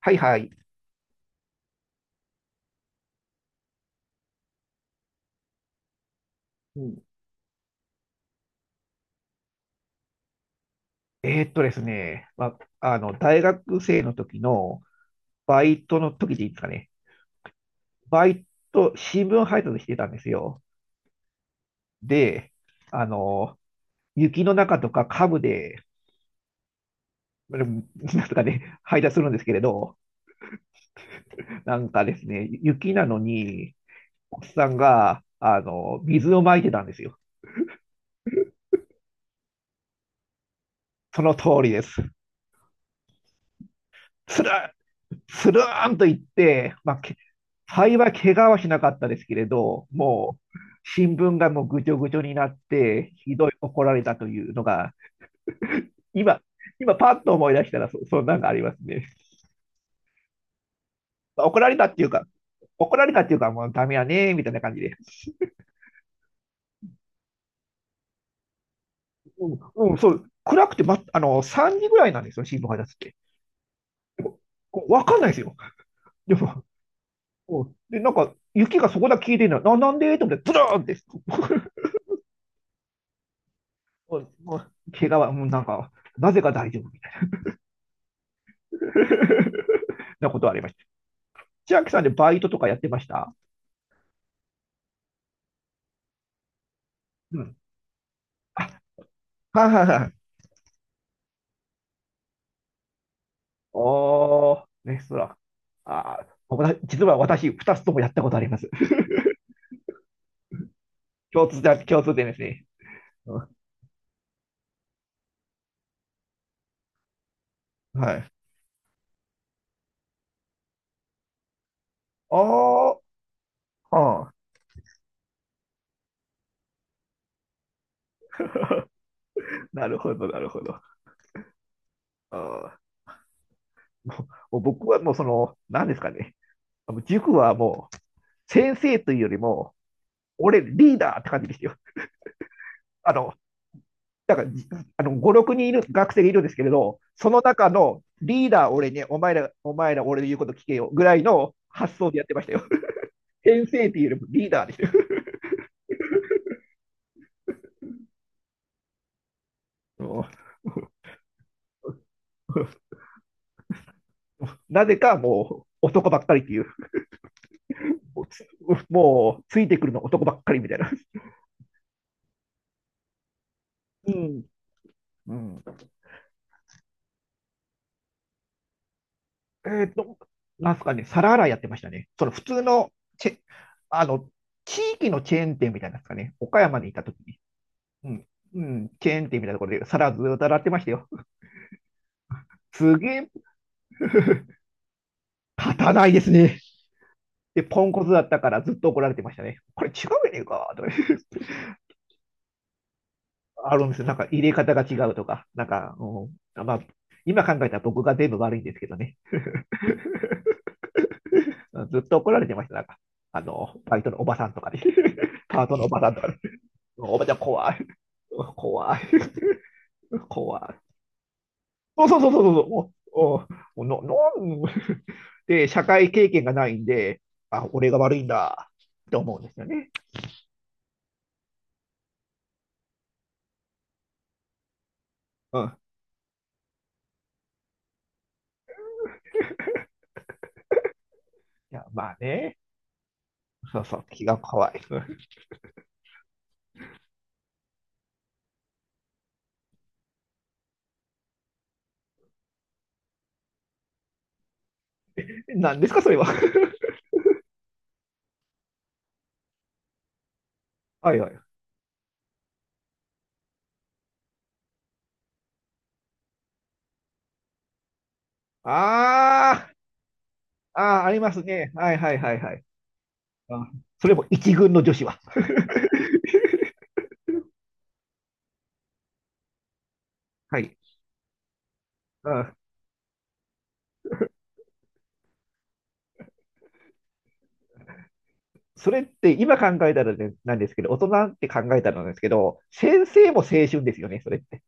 はいはい。うん。ですね、まあ、大学生の時のバイトの時でいいですかね。バイト、新聞配達してたんですよ。で、あの、雪の中とかカブで、うんなんとかね、配達するんですけれど、なんかですね、雪なのに、おっさんが、水をまいてたんですよ。その通りです。つらスルーンといって、まあ、幸い怪我はしなかったですけれど、もう新聞がもうぐちょぐちょになって、ひどい怒られたというのが、今、今パッと思い出したらそんなんがありますね。怒られたっていうか、怒られたっていうか、もうダメやね、みたいな感じで。うん、うん、そう、暗くて、ま、3時ぐらいなんですよ、新聞配達って。でもこうわかんないですよ。でも、うんで、なんか、雪がそこだけ消えてるの、なんでと思って、ズルーンって、もう怪我は、もうなんか、なぜか大丈夫みたいな なことはありました。千秋さんでバイトとかやってました？うん。はいはいはい。おー、レストラン。あー、僕だ実は私、二つともやったことあります。共通点ですね。うん、はい。ああ、はあ。なるほど、なるほど。あーもう、もう僕はもうその、何ですかね。あの塾はもう、先生というよりも、俺リーダーって感じでしたよ。あの、だから、5、6人いる、学生がいるんですけれど、その中のリーダー俺に、お前ら俺の言うこと聞けよ、ぐらいの発想でやってましたよ。先生っていうよりもリーダーでしたよ。もう なぜかもう男ばっかりっていう、もうつ、もうついてくるの男ばっかりみたいな。うん。うん、えっ、と、なんすかね、皿洗いやってましたね。その普通のチェ、あの、地域のチェーン店みたいなんですかね。岡山にいた時に。うん。うん、チェーン店みたいなところで皿ずっと洗ってましたよ。すげえ 勝たないですね。で、ポンコツだったからずっと怒られてましたね。これ違うやねんか、とか あるんですよ。なんか入れ方が違うとか、なんか、まあ、今考えたら僕が全部悪いんですけどね。ずっと怒られてました。なんか、バイトのおばさんとかに、パートのおばさんとかね。おばちゃん怖い。怖い。怖い。そうそうそうそうそう。おおののんで、社会経験がないんで、あ、俺が悪いんだ、と思うんですよね。うん。いや、まあね。そうそう、気が可愛い。何ですか、それは。はいはい。ああ、ああー、ありますね。はいはいはいはい。あ、それも一軍の女子は。はい。あ、それって今考えたらね、なんですけど、大人って考えたらなんですけど、先生も青春ですよね、それって。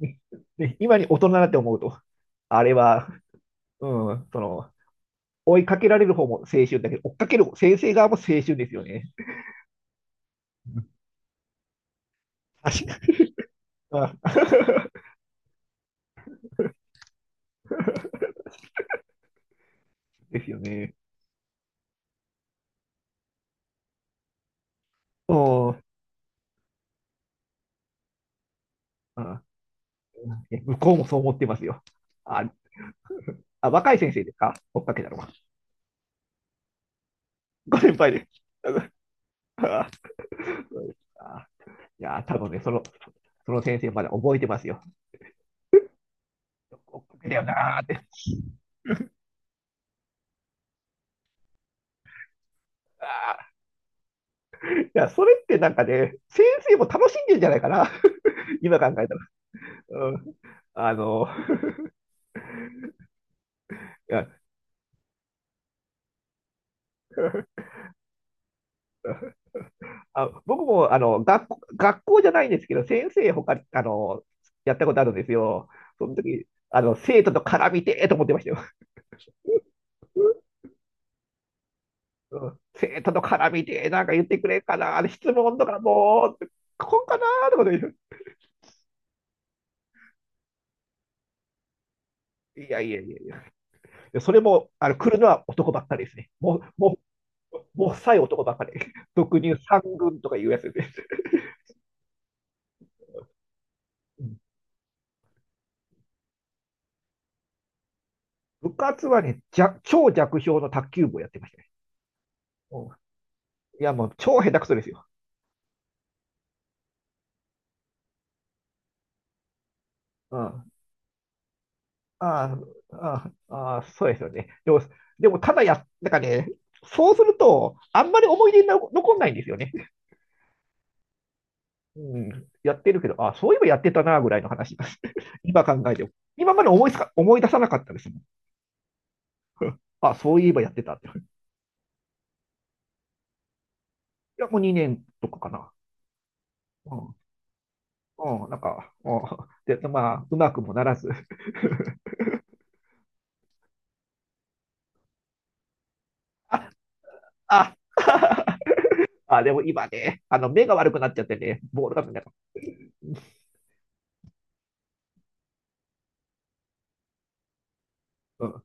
ね、ね今に大人だって思うと、あれは、うん、その、追いかけられる方も青春だけど、追っかける先生側も青春ですよね。うん、確かに。あ ですよね。うん。向こうもそう思ってますよ。あ、若い先生ですか？追っかけたのか？ご先輩です。あ、そうですか？いや、多分ね、その先生まだ覚えてますよ。追っかけだよなーって。いや、それってなんかね、先生も楽しんでるんじゃないかな。今考えたら。うん、あの、いや 僕もあの学校じゃないんですけど、先生他に、やったことあるんですよ。その時、生徒と絡みてーと思ってましたよ。うん、生徒の絡みでなんか言ってくれんかな、あれ質問とかもう、こんかなーとかで、いやいやいやいや、でそれも来るのは男ばっかりですね。もう男ばっかり。俗に言う三軍とかいうやつですね。うん部活はね、超弱小の卓球部をやってましたね。うん、いや、もう超下手くそですよ。うん。ああ、ああ、ああ、そうですよね。でも、でもただや、なんかね、そうすると、あんまり思い出に残残んないんですよね。うん、やってるけど、あ、そういえばやってたな、ぐらいの話です。今考えても。今まで思い出さなかったですもん。あ、そういえばやってたって。いや、もう2年とかかな。うん、うん、なんか、で、まあ、うまくもならず。あ、あ、あ、でも今ね、目が悪くなっちゃってね、ボールが見えなかった。うん、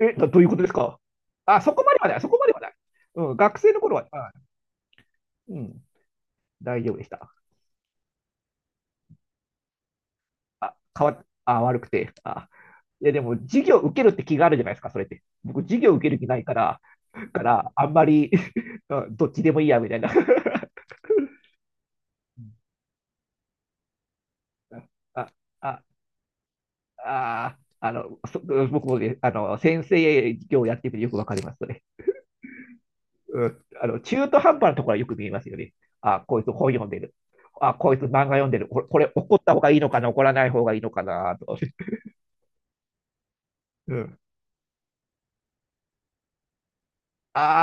え、どういうことですか？あ、そこまではない、そこまではない。うん、学生の頃は、うん、大丈夫でした。あ、変わっ、あ、悪くて、あ、いや、でも、授業受けるって気があるじゃないですか、それって。僕、授業受ける気ないから、あんまり どっちでもいいや、みたいな。あ、あ、あ、あの、そ僕もね、先生授業をやってみてよくわかります、それ。うん、中途半端なところはよく見えますよね。あ、こいつ本読んでる。あ、こいつ漫画読んでる。これ怒った方がいいのかな、怒らない方がいいのかな、と。うん。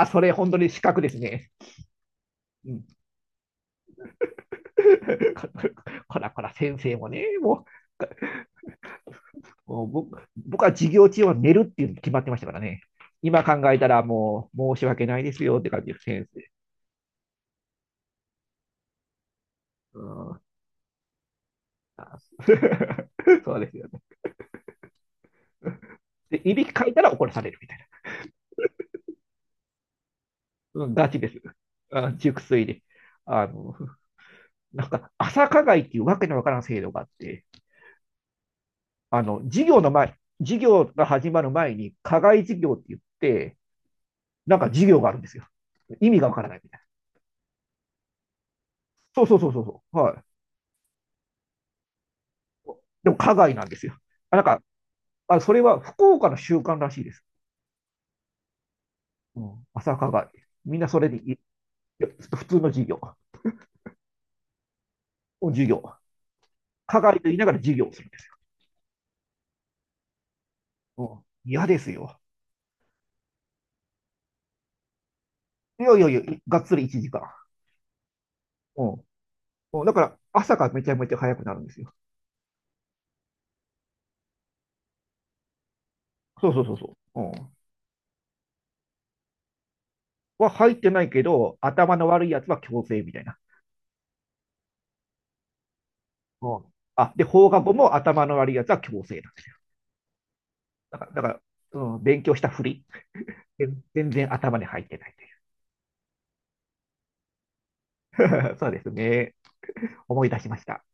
ああ、それ本当に資格ですね。うん。こらこら、先生もね、もう。もう僕は授業中は寝るっていうの決まってましたからね。今考えたらもう申し訳ないですよって感じです、先生。うん、あ そうですよね。で、いびきかいたら怒らされるみたいな。うん、ガチです。あ、熟睡で。あの、なんか、朝課外っていうわけのわからん制度があって、授業の前、授業が始まる前に、課外授業って言って、なんか授業があるんですよ。意味がわからないみたいな。そうそうそうそうそう。はい。でも、課外なんですよ。あなんか、それは福岡の習慣らしいです。うん、朝課外。みんなそれでい、普通の授業。課外と言いながら授業をするんですよ。うん、嫌ですよ。いやいやいや、がっつり1時間。うんうん、だから、朝がめちゃめちゃ早くなるんですよ。そうそうそうそう。うん、は入ってないけど、頭の悪いやつは強制みたいな。うん、あ、で、放課後も頭の悪いやつは強制なんです。だからうん、勉強したふり。全然頭に入ってないという。そうですね。思い出しました。